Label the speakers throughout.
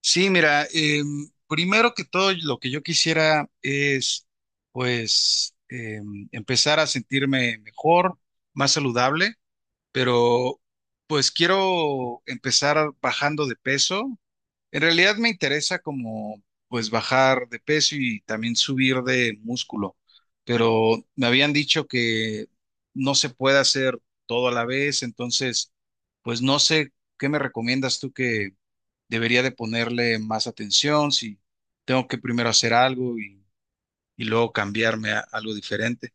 Speaker 1: Sí, mira, primero que todo lo que yo quisiera es pues empezar a sentirme mejor, más saludable, pero pues quiero empezar bajando de peso. En realidad me interesa como pues bajar de peso y también subir de músculo, pero me habían dicho que no se puede hacer todo a la vez, entonces pues no sé qué me recomiendas tú debería de ponerle más atención, si tengo que primero hacer algo y luego cambiarme a algo diferente.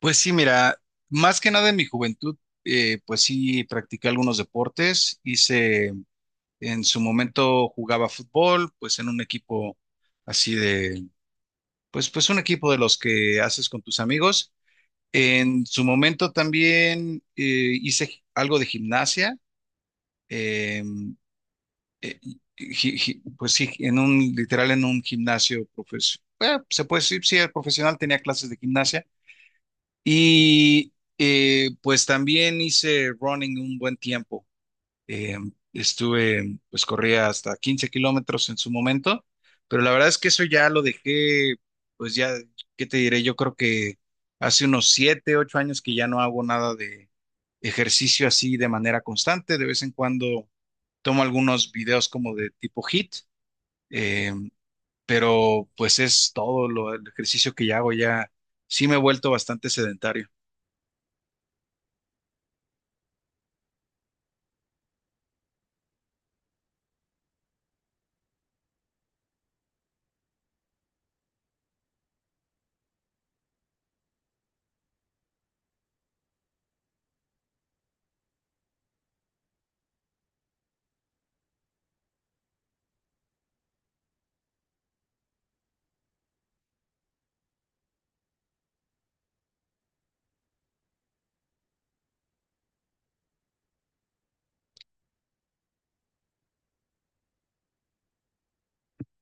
Speaker 1: Pues sí, mira, más que nada en mi juventud, pues sí, practiqué algunos deportes, hice, en su momento jugaba fútbol, pues en un equipo así de, pues, pues un equipo de los que haces con tus amigos. En su momento también hice algo de gimnasia. em, eh, pues sí, en un, literal en un gimnasio profesional. Se puede decir, sí, el profesional tenía clases de gimnasia. Y pues también hice running un buen tiempo. Eh, Estuve, pues corría hasta 15 kilómetros en su momento, pero la verdad es que eso ya lo dejé, pues ya, ¿qué te diré? Yo creo que hace unos 7, 8 años que ya no hago nada de ejercicio así de manera constante. De vez en cuando tomo algunos videos como de tipo HIIT, eh, pero pues es todo lo, el ejercicio que ya hago, ya sí me he vuelto bastante sedentario.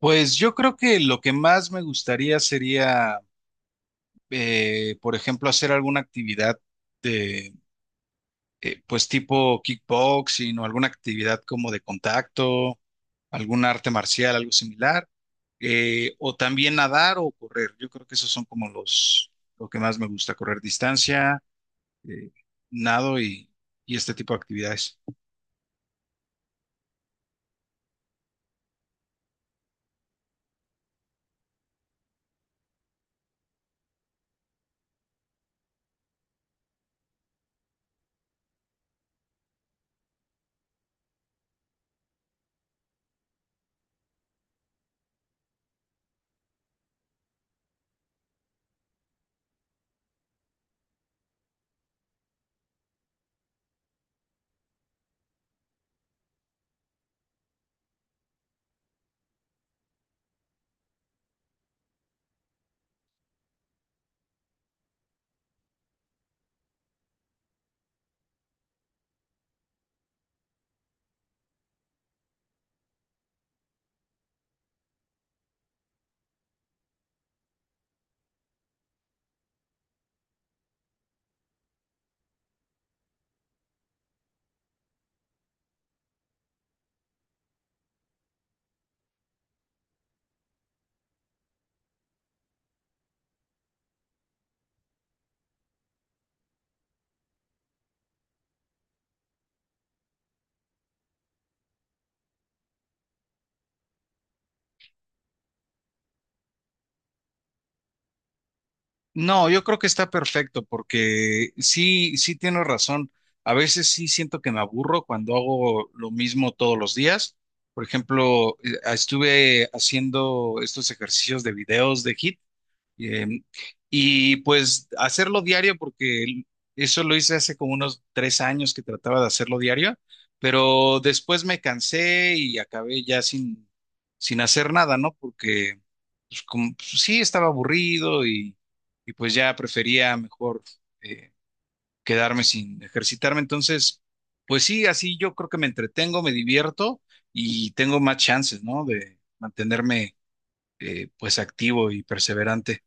Speaker 1: Pues yo creo que lo que más me gustaría sería, por ejemplo, hacer alguna actividad de, pues tipo kickboxing o alguna actividad como de contacto, algún arte marcial, algo similar, o también nadar o correr. Yo creo que esos son como los, lo que más me gusta, correr distancia, eh, nado y este tipo de actividades. No, yo creo que está perfecto porque sí, sí tienes razón. A veces sí siento que me aburro cuando hago lo mismo todos los días. Por ejemplo, estuve haciendo estos ejercicios de videos de HIIT, eh, y pues hacerlo diario, porque eso lo hice hace como unos tres años que trataba de hacerlo diario, pero después me cansé y acabé ya sin, sin hacer nada, ¿no? Porque pues, como, pues, sí estaba aburrido y pues ya prefería mejor, eh, quedarme sin ejercitarme. Entonces, pues sí, así yo creo que me entretengo, me divierto y tengo más chances, ¿no? De mantenerme, pues activo y perseverante.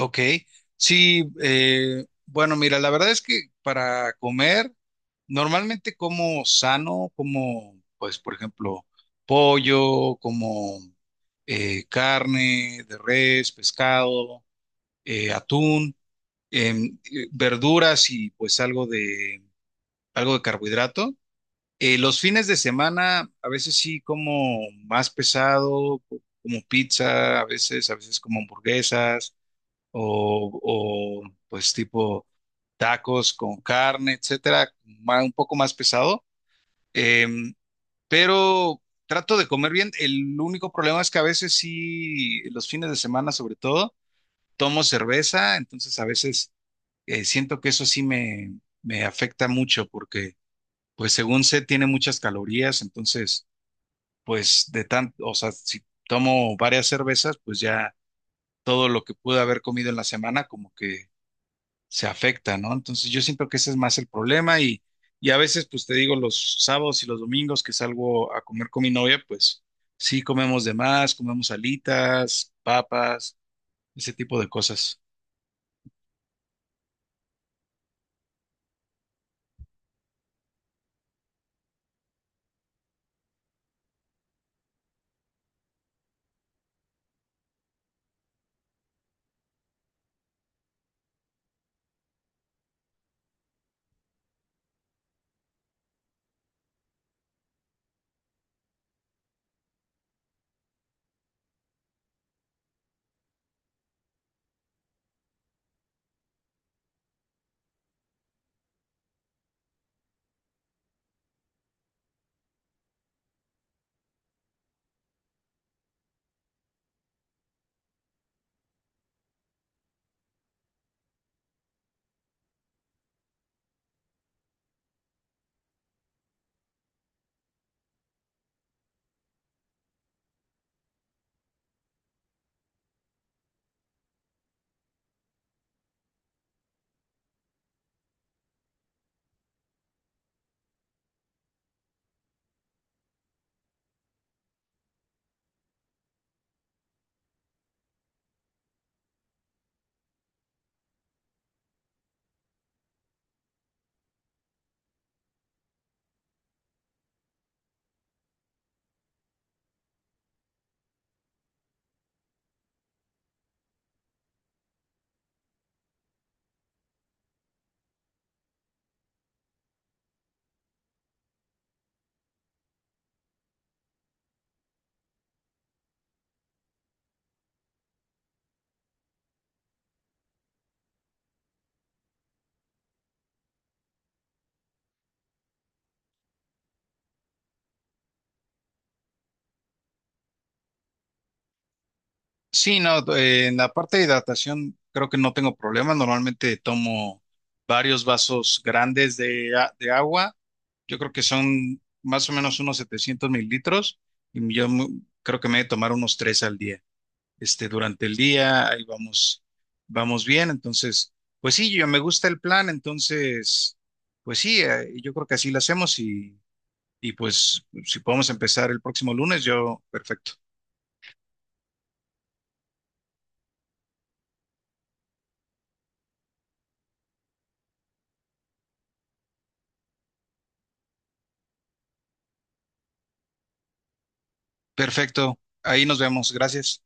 Speaker 1: Ok, sí, bueno, mira, la verdad es que para comer, normalmente como sano, como, pues, por ejemplo, pollo, como carne de res, pescado, atún, verduras y pues algo de carbohidrato. Los fines de semana, a veces sí como más pesado, como pizza, a veces como hamburguesas o, pues tipo tacos con carne, etcétera, ma- un poco más pesado. Em, pero trato de comer bien. El único problema es que a veces sí, los fines de semana sobre todo, tomo cerveza, entonces a veces siento que eso sí me afecta mucho porque, pues según sé, tiene muchas calorías, entonces, pues de tanto, o sea, si tomo varias cervezas, pues ya todo lo que pude haber comido en la semana como que se afecta, ¿no? Entonces yo siento que ese es más el problema y a veces, pues te digo, los sábados y los domingos que salgo a comer con mi novia, pues sí comemos de más, comemos alitas, papas, ese tipo de cosas. Sí, no, en la parte de hidratación creo que no tengo problema. Normalmente tomo varios vasos grandes de, a- de agua. Yo creo que son más o menos unos 700 mililitros y yo mu- creo que me he de tomar unos tres al día. Este, durante el día, ahí vamos, vamos bien. Entonces, pues sí, yo me gusta el plan, entonces, pues sí, yo creo que así lo hacemos y pues si podemos empezar el próximo lunes, yo, perfecto. Perfecto, ahí nos vemos, gracias.